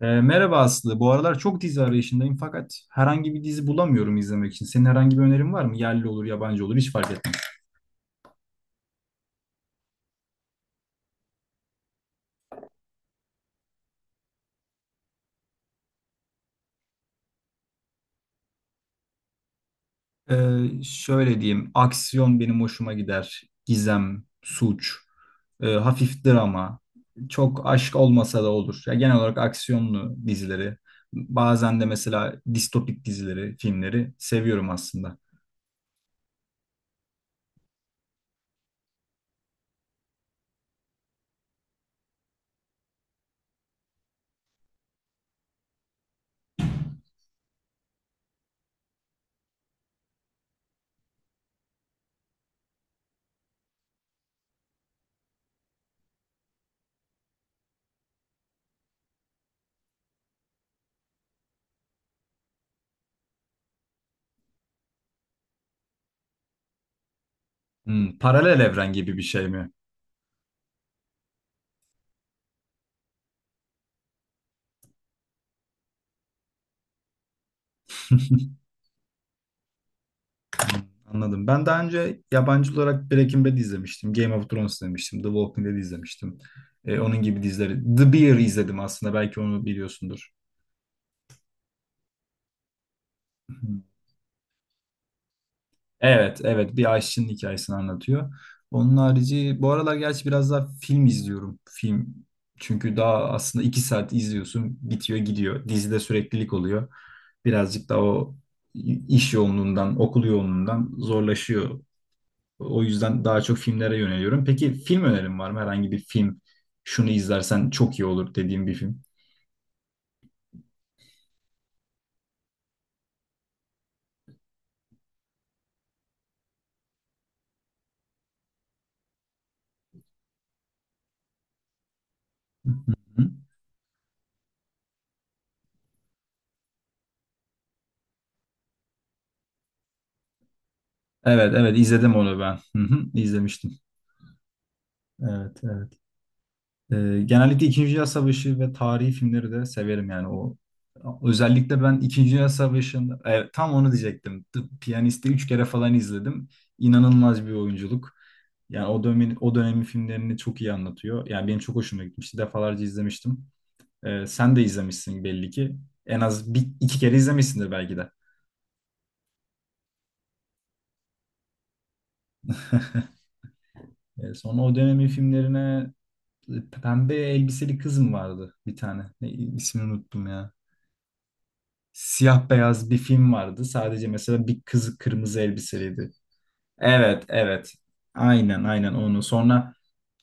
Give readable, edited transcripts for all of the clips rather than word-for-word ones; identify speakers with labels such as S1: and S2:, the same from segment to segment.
S1: Merhaba Aslı. Bu aralar çok dizi arayışındayım fakat herhangi bir dizi bulamıyorum izlemek için. Senin herhangi bir önerin var mı? Yerli olur, yabancı olur hiç fark etmez. Şöyle diyeyim. Aksiyon benim hoşuma gider. Gizem, suç, hafif drama. Çok aşk olmasa da olur. Ya genel olarak aksiyonlu dizileri, bazen de mesela distopik dizileri, filmleri seviyorum aslında. Hmm, paralel evren gibi bir şey mi? Hmm, anladım. Ben daha önce yabancı olarak Breaking Bad izlemiştim. Game of Thrones izlemiştim. The Walking Dead izlemiştim. Onun gibi dizileri. The Bear izledim aslında. Belki onu biliyorsundur. Evet, evet. Bir aşçının hikayesini anlatıyor. Onun harici bu aralar gerçi biraz daha film izliyorum. Film. Çünkü daha aslında iki saat izliyorsun. Bitiyor gidiyor. Dizide süreklilik oluyor. Birazcık da o iş yoğunluğundan, okul yoğunluğundan zorlaşıyor. O yüzden daha çok filmlere yöneliyorum. Peki film önerin var mı? Herhangi bir film, şunu izlersen çok iyi olur dediğim bir film. Hı? Evet evet izledim onu ben. Hı hı, izlemiştim. Evet evet. Genellikle İkinci Dünya Savaşı ve tarihi filmleri de severim yani o. Özellikle ben İkinci Dünya Savaşı'nda evet, tam onu diyecektim. The Piyanist'i üç kere falan izledim. İnanılmaz bir oyunculuk. Yani o dönemin filmlerini çok iyi anlatıyor. Yani benim çok hoşuma gitmişti. Defalarca izlemiştim. Sen de izlemişsin belli ki. En az bir, iki kere izlemişsindir belki de. Sonra o dönemin filmlerine, e, Pembe Elbiseli Kız mı vardı bir tane? Ne, ismini unuttum ya. Siyah beyaz bir film vardı. Sadece mesela bir kız kırmızı elbiseliydi. Evet, evet. Aynen, aynen onu. Sonra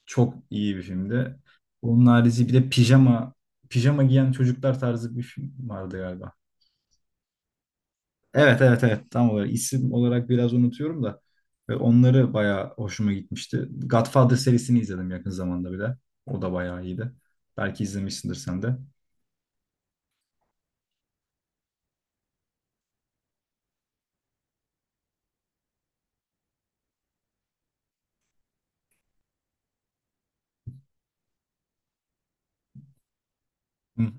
S1: çok iyi bir filmdi. Onun harici bir de pijama giyen çocuklar tarzı bir film vardı galiba. Evet evet evet, tam olarak isim olarak biraz unutuyorum da ve onları bayağı hoşuma gitmişti. Godfather serisini izledim yakın zamanda bile. O da bayağı iyiydi. Belki izlemişsindir sen de. Hı.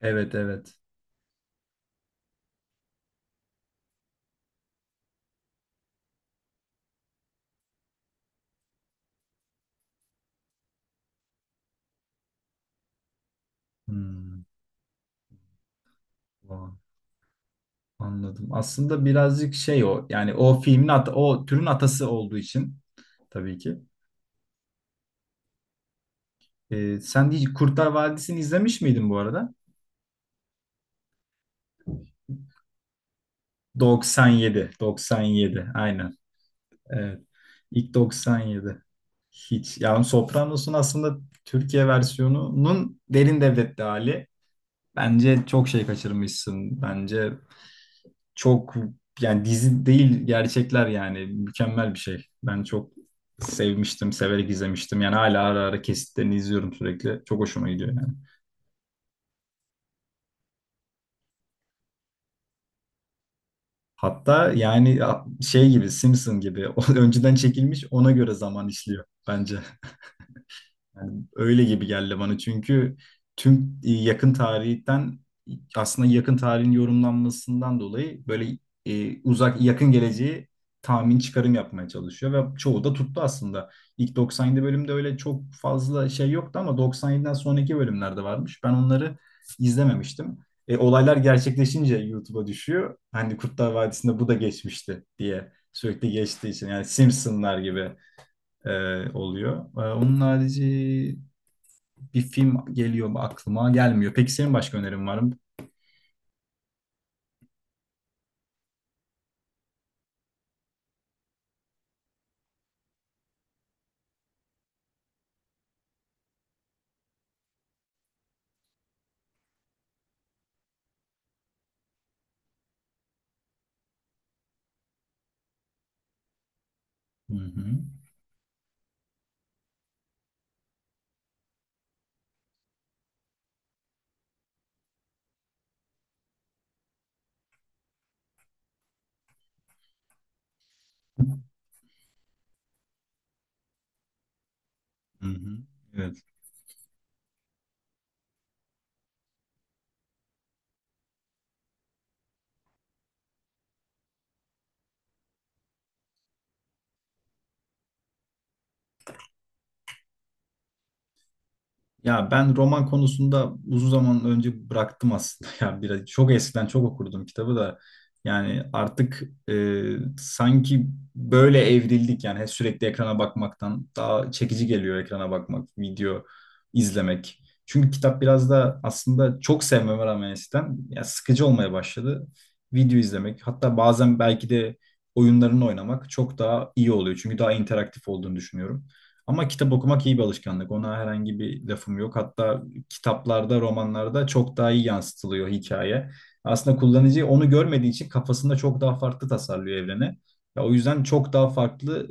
S1: Evet evet. Hmm, tamam. Anladım. Aslında birazcık şey o yani o filmin o türün atası olduğu için tabii ki. Sen hiç Kurtlar Vadisi'ni izlemiş miydin bu arada? 97, 97 aynen. Evet. İlk 97. Hiç. Yani Sopranos'un aslında Türkiye versiyonunun derin devletli hali. Bence çok şey kaçırmışsın. Bence çok, yani dizi değil gerçekler yani mükemmel bir şey. Ben çok sevmiştim, severek izlemiştim. Yani hala ara ara kesitlerini izliyorum sürekli. Çok hoşuma gidiyor yani. Hatta yani şey gibi, Simpson gibi o önceden çekilmiş, ona göre zaman işliyor bence. Yani öyle gibi geldi bana çünkü tüm yakın tarihten, aslında yakın tarihin yorumlanmasından dolayı böyle uzak yakın geleceği tahmin, çıkarım yapmaya çalışıyor ve çoğu da tuttu aslında. İlk 97 bölümde öyle çok fazla şey yoktu ama 97'den sonraki bölümlerde varmış. Ben onları izlememiştim. Olaylar gerçekleşince YouTube'a düşüyor. Hani Kurtlar Vadisi'nde bu da geçmişti diye sürekli geçtiği için yani Simpsonlar gibi e, oluyor. Onun harici bir film geliyor, aklıma gelmiyor. Peki senin başka önerin var mı? Hı hı. Hı hı. Evet. Ya ben roman konusunda uzun zaman önce bıraktım aslında. Ya biraz, çok eskiden çok okurdum kitabı da. Yani artık e, sanki böyle evrildik yani, hep sürekli ekrana bakmaktan daha çekici geliyor ekrana bakmak, video izlemek. Çünkü kitap biraz da aslında çok sevmeme rağmen eskiden ya sıkıcı olmaya başladı. Video izlemek, hatta bazen belki de oyunlarını oynamak çok daha iyi oluyor. Çünkü daha interaktif olduğunu düşünüyorum. Ama kitap okumak iyi bir alışkanlık. Ona herhangi bir lafım yok. Hatta kitaplarda, romanlarda çok daha iyi yansıtılıyor hikaye. Aslında kullanıcı onu görmediği için kafasında çok daha farklı tasarlıyor evreni. Ya o yüzden çok daha farklı,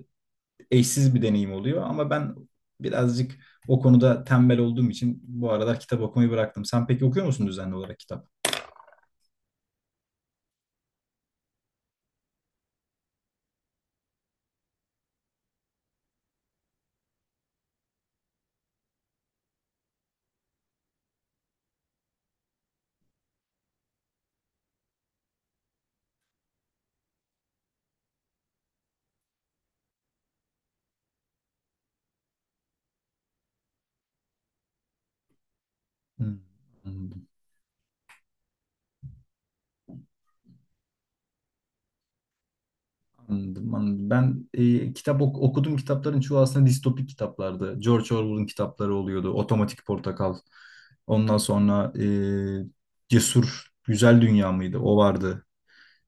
S1: eşsiz bir deneyim oluyor. Ama ben birazcık o konuda tembel olduğum için bu aralar kitap okumayı bıraktım. Sen peki okuyor musun düzenli olarak kitap? Hmm, anladım. Anladım, anladım. Ben kitap okudum, kitapların çoğu aslında distopik kitaplardı. George Orwell'ın kitapları oluyordu. Otomatik Portakal. Ondan sonra Cesur Güzel Dünya mıydı? O vardı.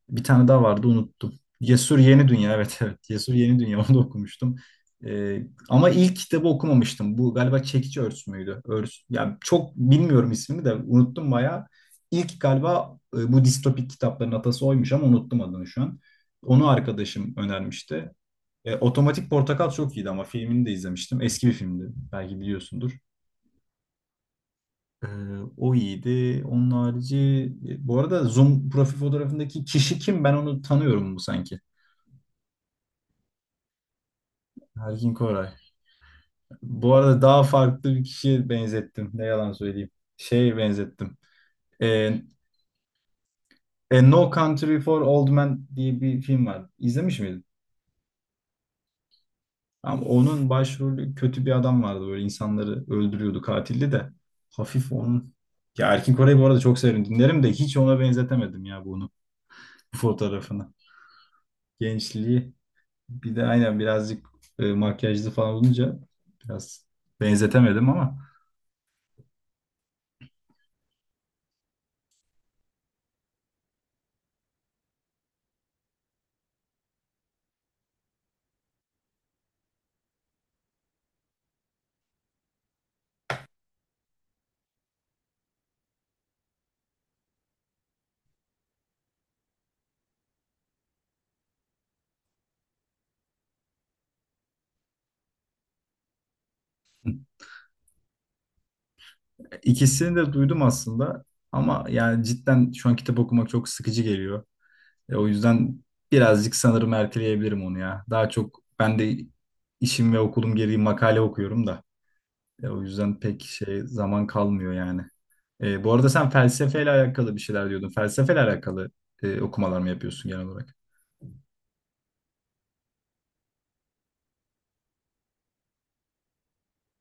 S1: Bir tane daha vardı, unuttum. Cesur Yeni Dünya evet evet. Cesur Yeni Dünya, onu da okumuştum. Ama ilk kitabı okumamıştım. Bu galiba Çekici Örs müydü? Örs. Yani çok bilmiyorum, ismini de unuttum bayağı. İlk galiba bu distopik kitapların atası oymuş ama unuttum adını şu an. Onu arkadaşım önermişti. Otomatik Portakal çok iyiydi, ama filmini de izlemiştim. Eski bir filmdi. Belki biliyorsundur. Ee, O iyiydi. Onun harici bu arada Zoom profil fotoğrafındaki kişi kim? Ben onu tanıyorum bu sanki. Erkin Koray. Bu arada daha farklı bir kişiye benzettim. Ne yalan söyleyeyim. Şeye benzettim. Ee, A No Country for Old Men diye bir film var. İzlemiş miydin? Ama onun başrolü kötü bir adam vardı. Böyle insanları öldürüyordu, katildi de. Hafif onun. Ya Erkin Koray'ı bu arada çok severim. Dinlerim de hiç ona benzetemedim ya bunu. Bu fotoğrafını. Gençliği. Bir de aynen birazcık makyajlı falan olunca biraz benzetemedim ama. İkisini de duydum aslında ama yani cidden şu an kitap okumak çok sıkıcı geliyor. O yüzden birazcık sanırım erteleyebilirim onu ya. Daha çok ben de işim ve okulum gereği makale okuyorum da. O yüzden pek şey zaman kalmıyor yani. Bu arada sen felsefeyle alakalı bir şeyler diyordun. Felsefeyle alakalı okumalar mı yapıyorsun genel olarak?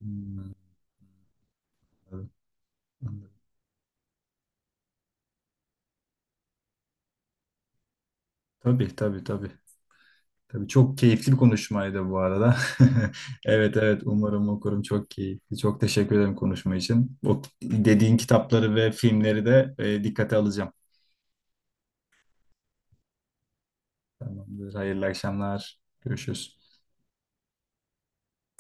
S1: Hmm, anladım, anladım. Tabii tabii tabii. Tabii çok keyifli bir konuşmaydı bu arada. Evet evet umarım okurum, çok keyifli. Çok teşekkür ederim konuşma için. O dediğin kitapları ve filmleri de dikkate alacağım. Tamamdır. Hayırlı akşamlar. Görüşürüz.